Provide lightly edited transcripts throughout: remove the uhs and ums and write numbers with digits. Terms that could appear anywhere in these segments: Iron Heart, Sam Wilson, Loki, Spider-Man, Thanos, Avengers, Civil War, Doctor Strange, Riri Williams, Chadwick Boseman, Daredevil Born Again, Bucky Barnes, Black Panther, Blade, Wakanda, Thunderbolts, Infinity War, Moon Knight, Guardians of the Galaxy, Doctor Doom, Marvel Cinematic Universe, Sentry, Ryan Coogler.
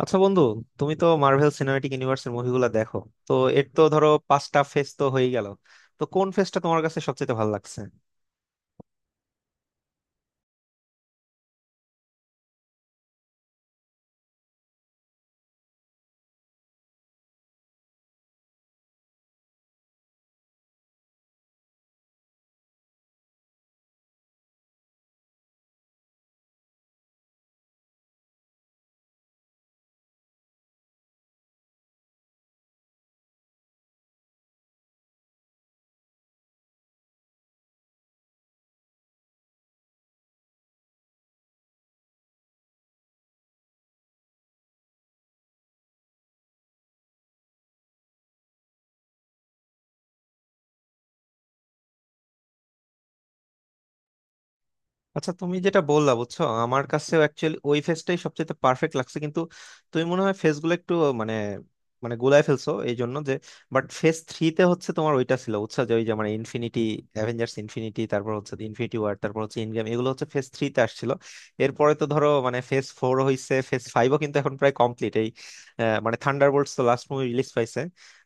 আচ্ছা বন্ধু, তুমি তো মার্ভেল সিনেম্যাটিক ইউনিভার্সের মুভিগুলো দেখো। তো এর তো ধরো পাঁচটা ফেজ তো হয়ে গেল। তো কোন ফেজটা তোমার কাছে সবচেয়ে ভালো লাগছে? আচ্ছা তুমি যেটা বললা বুঝছো, আমার কাছেও অ্যাকচুয়ালি ওই ফেসটাই সবচেয়ে পারফেক্ট লাগছে, কিন্তু তুমি মনে হয় ফেসগুলো একটু মানে মানে গোলায় ফেলছো এই জন্য যে, বাট ফেস থ্রিতে হচ্ছে তোমার, ওইটা ছিল বুঝছো যে ওই যে মানে ইনফিনিটি অ্যাভেঞ্জার্স ইনফিনিটি, তারপর হচ্ছে ইনফিনিটি ওয়ার, তারপর হচ্ছে ইনগেম, এগুলো হচ্ছে ফেস থ্রিতে আসছিল। এরপরে তো ধরো মানে ফেস ফোর হইছে, ফেস ফাইভও কিন্তু এখন প্রায় কমপ্লিট এই মানে থান্ডারবোল্টস তো লাস্ট মুভি রিলিজ পাইছে।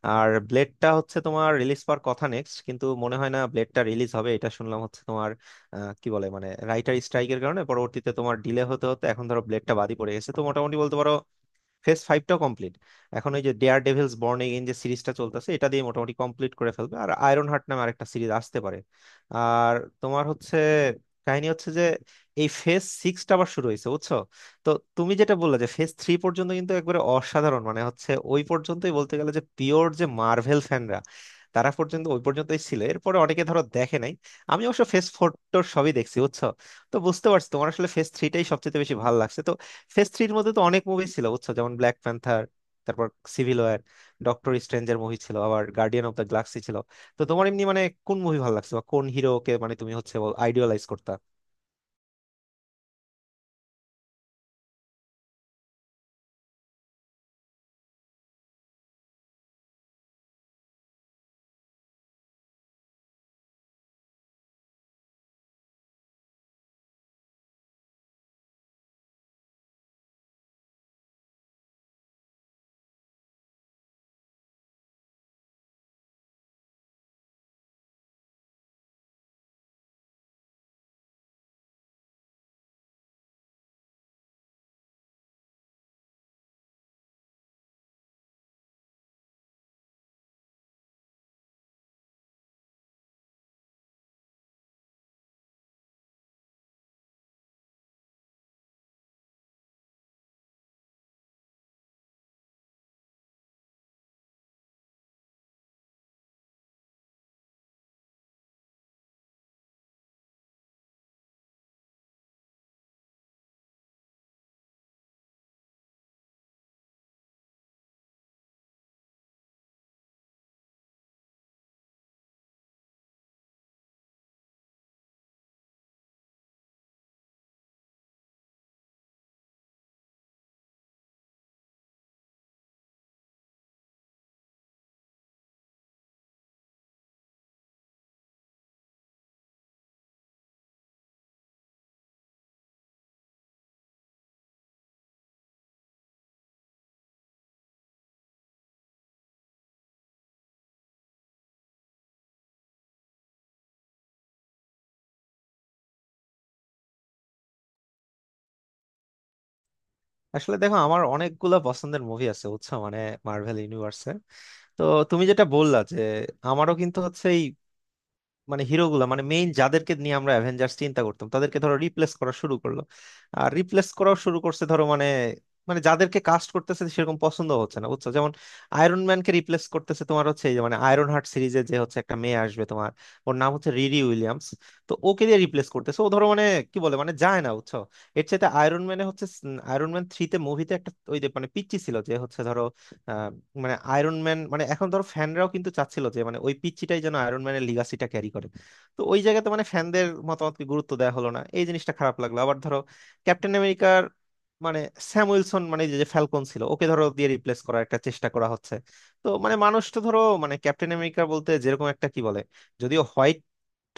আর ব্লেডটা হচ্ছে তোমার রিলিজ পাওয়ার কথা নেক্সট, কিন্তু মনে হয় না ব্লেডটা রিলিজ হবে, এটা শুনলাম হচ্ছে তোমার কি বলে মানে রাইটার স্ট্রাইকের কারণে পরবর্তীতে তোমার ডিলে হতে হতে এখন ধরো ব্লেডটা বাদই পড়ে গেছে। তো মোটামুটি বলতে পারো ফেজ ফাইভটাও কমপ্লিট। এখন ওই যে ডেয়ার ডেভিলস বর্ন এগেইন যে সিরিজটা চলতেছে এটা দিয়ে মোটামুটি কমপ্লিট করে ফেলবে, আর আয়রন হার্ট নামে আরেকটা সিরিজ আসতে পারে। আর তোমার হচ্ছে কাহিনী হচ্ছে যে এই ফেজ সিক্সটা আবার শুরু হয়েছে বুঝছো। তো তুমি যেটা বললে যে ফেজ থ্রি পর্যন্ত কিন্তু একবারে অসাধারণ, মানে হচ্ছে ওই পর্যন্তই বলতে গেলে যে পিওর যে মার্ভেল ফ্যানরা, তারা পর্যন্ত ওই পর্যন্তই ছিল, এরপরে অনেকে ধরো দেখে নাই। আমি অবশ্য ফেজ ফোর টোর সবই দেখছি বুঝছো। তো বুঝতে পারছি তোমার আসলে ফেজ থ্রিটাই সবচেয়ে বেশি ভালো লাগছে। তো ফেজ থ্রির মধ্যে তো অনেক মুভি ছিল বুঝছো, যেমন ব্ল্যাক প্যান্থার, তারপর সিভিল ওয়ার, ডক্টর স্ট্রেঞ্জের মুভি ছিল, আবার গার্ডিয়ান অফ দ্য গ্যালাক্সি ছিল। তো তোমার এমনি মানে কোন মুভি ভালো লাগছে বা কোন হিরোকে মানে তুমি হচ্ছে আইডিয়ালাইজ করতা? আসলে দেখো আমার অনেকগুলা পছন্দের মুভি আছে বুঝছো, মানে মার্ভেল ইউনিভার্সে। তো তুমি যেটা বললা, যে আমারও কিন্তু হচ্ছে মানে হিরোগুলা মানে মেইন যাদেরকে নিয়ে আমরা অ্যাভেঞ্জার্স চিন্তা করতাম তাদেরকে ধরো রিপ্লেস করা শুরু করলো। আর রিপ্লেস করাও শুরু করছে ধরো মানে, মানে যাদেরকে কাস্ট করতেছে সেরকম পছন্দ হচ্ছে না বুঝছো, যেমন আয়রন ম্যানকে রিপ্লেস করতেছে তোমার হচ্ছে এই যে মানে আয়রন হার্ট সিরিজে যে হচ্ছে একটা মেয়ে আসবে তোমার, ওর নাম হচ্ছে রিরি উইলিয়ামস। তো ওকে দিয়ে রিপ্লেস করতেছে, ও ধরো মানে কি বলে মানে যায় না বুঝছো। এর চাইতে আয়রন ম্যানে হচ্ছে আয়রন ম্যান থ্রিতে মুভিতে একটা ওই যে মানে পিচ্চি ছিল, যে হচ্ছে ধরো মানে আয়রন ম্যান মানে এখন ধরো ফ্যানরাও কিন্তু চাচ্ছিল যে মানে ওই পিচ্চিটাই যেন আয়রন ম্যানের লিগাসিটা ক্যারি করে। তো ওই জায়গাতে মানে ফ্যানদের মতামতকে গুরুত্ব দেওয়া হলো না, এই জিনিসটা খারাপ লাগলো। আবার ধরো ক্যাপ্টেন আমেরিকার মানে স্যাম উইলসন, মানে যে ফ্যালকন ছিল, ওকে ধরো দিয়ে রিপ্লেস করার একটা চেষ্টা করা হচ্ছে। তো মানে মানুষ তো ধরো মানে ক্যাপ্টেন আমেরিকা বলতে যেরকম একটা কি বলে, যদিও হোয়াইট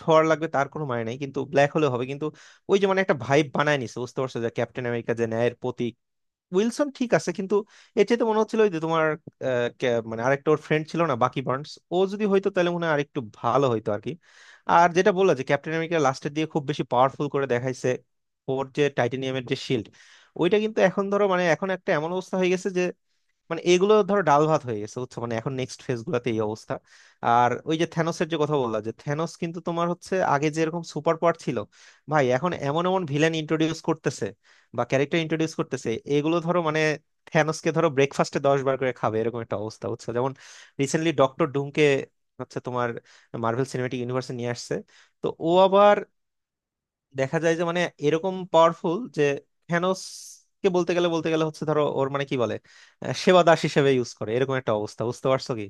হওয়ার লাগবে তার কোনো মানে নেই, কিন্তু ব্ল্যাক হলেও হবে, কিন্তু ওই যে মানে একটা ভাইব বানায় নিছে বুঝতে পারছো, যে ক্যাপ্টেন আমেরিকা যে ন্যায়ের প্রতীক। উইলসন ঠিক আছে, কিন্তু এর চাইতে মনে হচ্ছিল ওই যে তোমার মানে আরেকটা ওর ফ্রেন্ড ছিল না, বাকি বার্নস, ও যদি হয়তো তাহলে মনে হয় আরেকটু ভালো হইতো আর কি। আর যেটা বললা যে ক্যাপ্টেন আমেরিকা লাস্টের দিয়ে খুব বেশি পাওয়ারফুল করে দেখাইছে, ওর যে টাইটেনিয়ামের যে শিল্ড, ওইটা কিন্তু এখন ধরো মানে এখন একটা এমন অবস্থা হয়ে গেছে যে মানে এগুলো ধরো ডাল ভাত হয়ে গেছে বুঝছো, মানে এখন নেক্সট ফেজ গুলাতে এই অবস্থা। আর ওই যে থ্যানোসের যে কথা বললা, যে থ্যানোস কিন্তু তোমার হচ্ছে আগে যেরকম সুপার পাওয়ার ছিল, ভাই এখন এমন এমন ভিলেন ইন্ট্রোডিউস করতেছে বা ক্যারেক্টার ইন্ট্রোডিউস করতেছে, এগুলো ধরো মানে থ্যানোসকে ধরো ব্রেকফাস্টে 10 বার করে খাবে এরকম একটা অবস্থা বুঝছো, যেমন রিসেন্টলি ডক্টর ডুমকে হচ্ছে তোমার মার্ভেল সিনেমেটিক ইউনিভার্সে নিয়ে আসছে। তো ও আবার দেখা যায় যে মানে এরকম পাওয়ারফুল, যে থ্যানোস কে বলতে গেলে হচ্ছে ধরো ওর মানে কি বলে সেবা দাস হিসেবে ইউজ করে, এরকম একটা অবস্থা বুঝতে পারছো কি।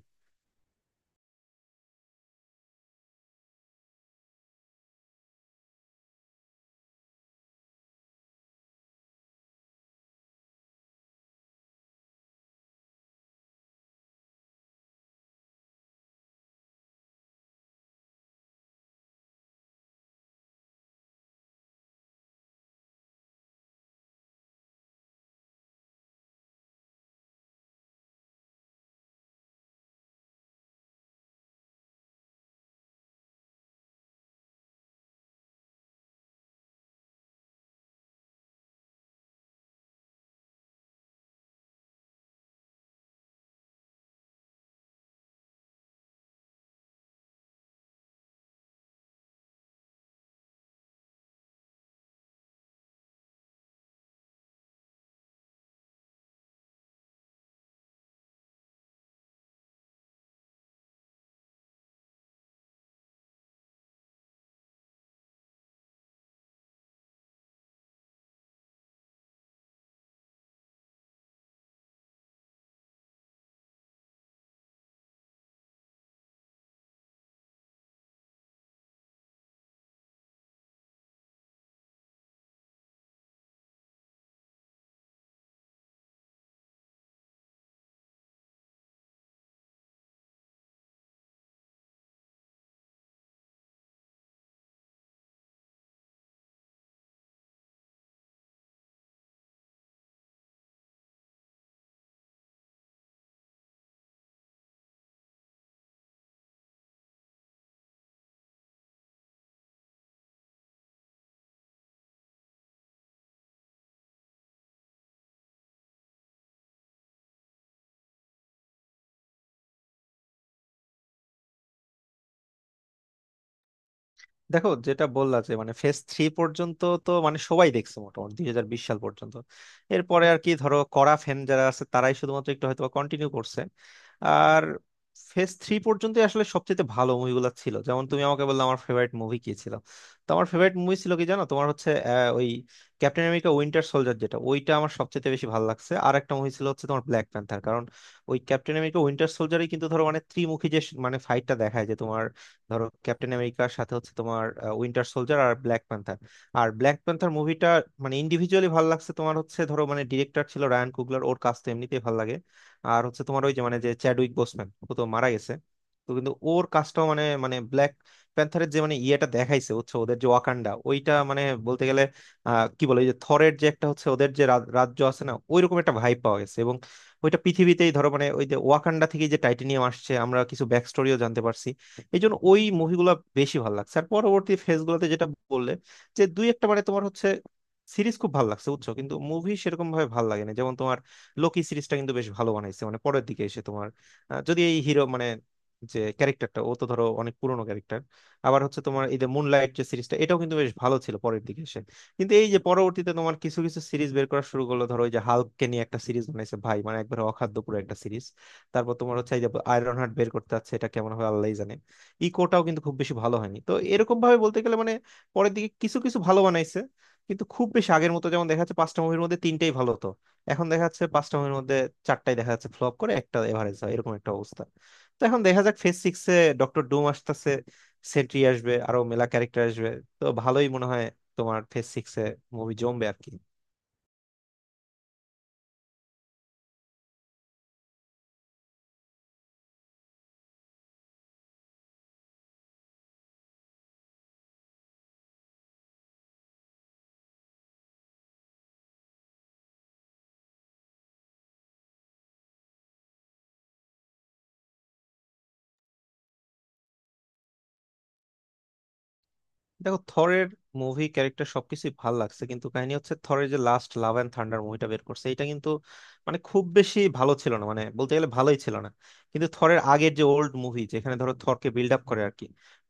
দেখো যেটা বললা যে মানে ফেজ থ্রি পর্যন্ত তো মানে সবাই দেখছে, মোটামুটি 2020 সাল পর্যন্ত। এরপরে আর কি ধরো কড়া ফ্যান যারা আছে তারাই শুধুমাত্র একটু হয়তো কন্টিনিউ করছে। আর ফেজ থ্রি পর্যন্ত আসলে সবচেয়ে ভালো মুভিগুলো ছিল, যেমন তুমি আমাকে বললে আমার ফেভারিট মুভি কি ছিল। তো আমার ফেভারিট মুভি ছিল কি জানো, তোমার হচ্ছে ওই ক্যাপ্টেন আমেরিকা উইন্টার সোলজার, যেটা ওইটা আমার সবচেয়ে বেশি ভালো লাগছে। আর একটা মুভি ছিল হচ্ছে তোমার ব্ল্যাক প্যান্থার, কারণ ওই ক্যাপ্টেন আমেরিকা উইন্টার সোলজারই কিন্তু ধরো মানে ত্রিমুখী যে মানে ফাইটটা দেখায়, যে তোমার ধরো ক্যাপ্টেন আমেরিকার সাথে হচ্ছে তোমার উইন্টার সোলজার আর ব্ল্যাক প্যান্থার। আর ব্ল্যাক প্যান্থার মুভিটা মানে ইন্ডিভিজুয়ালি ভালো লাগছে, তোমার হচ্ছে ধরো মানে ডিরেক্টর ছিল রায়ান কুগলার, ওর কাজ তো এমনিতেই ভালো লাগে। আর হচ্ছে তোমার ওই যে মানে যে চ্যাডউইক বোসম্যান, ও তো মারা গেছে। তো কিন্তু ওর কাজটাও মানে, মানে ব্ল্যাক প্যান্থারের যে মানে ইয়েটা দেখাইছে হচ্ছে ওদের যে ওয়াকান্ডা, ওইটা মানে বলতে গেলে আহ কি বলে ওই যে থরের যে একটা হচ্ছে ওদের যে রাজ্য আছে না, ওইরকম একটা ভাইব পাওয়া গেছে। এবং ওইটা পৃথিবীতেই ধরো মানে ওই যে ওয়াকান্ডা থেকে যে টাইটেনিয়াম আসছে, আমরা কিছু ব্যাক স্টোরিও জানতে পারছি, এই জন্য ওই মুভিগুলো বেশি ভালো লাগছে। আর পরবর্তী ফেজগুলোতে যেটা বললে, যে দুই একটা মানে তোমার হচ্ছে সিরিজ খুব ভালো লাগছে বুঝছো, কিন্তু মুভি সেরকম ভাবে ভালো লাগে না, যেমন তোমার লোকি সিরিজটা কিন্তু বেশ ভালো বানাইছে, মানে পরের দিকে এসে তোমার যদি এই হিরো মানে যে ক্যারেক্টারটা, ও তো ধরো অনেক পুরনো ক্যারেক্টার। আবার হচ্ছে তোমার এই যে মুনলাইট যে সিরিজটা, এটাও কিন্তু বেশ ভালো ছিল পরের দিকে এসে। কিন্তু এই যে পরবর্তীতে তোমার কিছু কিছু সিরিজ বের করা শুরু করলো, ধরো ওই যে হাল্ককে নিয়ে একটা সিরিজ বানাইছে, ভাই মানে একবারে অখাদ্য পুরো একটা সিরিজ। তারপর তোমার হচ্ছে এই যে আয়রন হার্ট বের করতে যাচ্ছে, এটা কেমন হবে আল্লাহই জানে। ইকোটাও কিন্তু খুব বেশি ভালো হয়নি। তো এরকম ভাবে বলতে গেলে মানে পরের দিকে কিছু কিছু ভালো বানাইছে, কিন্তু খুব বেশি আগের মতো, যেমন দেখা যাচ্ছে পাঁচটা মুভির মধ্যে তিনটাই ভালো হতো, এখন দেখা যাচ্ছে পাঁচটা মুভির মধ্যে চারটাই দেখা যাচ্ছে ফ্লপ করে, একটা এভারেজ হয়, এরকম একটা অবস্থা। তো এখন দেখা যাক ফেজ সিক্স এ ডক্টর ডুম আসতেছে, সেন্ট্রি আসবে, আরো মেলা ক্যারেক্টার আসবে। তো ভালোই মনে হয় তোমার ফেজ সিক্স এ মুভি জমবে আর কি। দেখো থরের মুভি ক্যারেক্টার সবকিছুই ভাল লাগছে, কিন্তু কাহিনী হচ্ছে থরের যে লাস্ট লাভ অ্যান্ড থান্ডার মুভিটা বের করছে, এটা কিন্তু মানে খুব বেশি ভালো ছিল না, মানে বলতে গেলে ভালোই ছিল না। কিন্তু থরের আগের যে ওল্ড মুভি যেখানে ধরো থরকে বিল্ড আপ করে আর কি,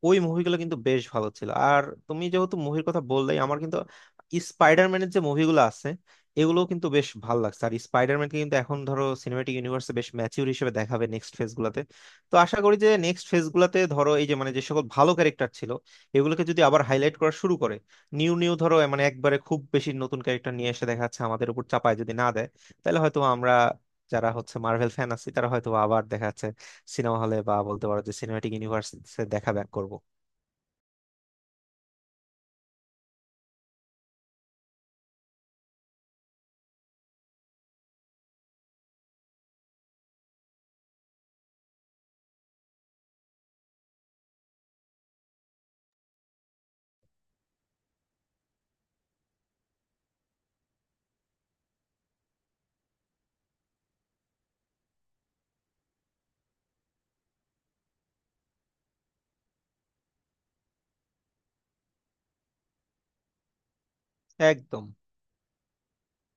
ওই মুভিগুলো কিন্তু বেশ ভালো ছিল। আর তুমি যেহেতু মুভির কথা বললেই আমার কিন্তু স্পাইডারম্যানের যে মুভিগুলো আছে, এগুলোও কিন্তু বেশ ভালো লাগছে। আর স্পাইডারম্যানকে কিন্তু এখন ধরো সিনেমাটিক ইউনিভার্সে বেশ ম্যাচিউর হিসেবে দেখাবে নেক্সট ফেজ গুলাতে। তো আশা করি যে নেক্সট ফেজ গুলাতে ধরো এই যে মানে যে সকল ভালো ক্যারেক্টার ছিল, এগুলোকে যদি আবার হাইলাইট করা শুরু করে, নিউ নিউ ধরো এ মানে একবারে খুব বেশি নতুন ক্যারেক্টার নিয়ে এসে দেখা যাচ্ছে আমাদের উপর চাপায় যদি না দেয়, তাহলে হয়তো আমরা যারা হচ্ছে মার্ভেল ফ্যান আছি, তারা হয়তো আবার দেখা যাচ্ছে সিনেমা হলে, বা বলতে পারো যে সিনেমাটিক ইউনিভার্স দেখা ব্যাক করবো। একদম।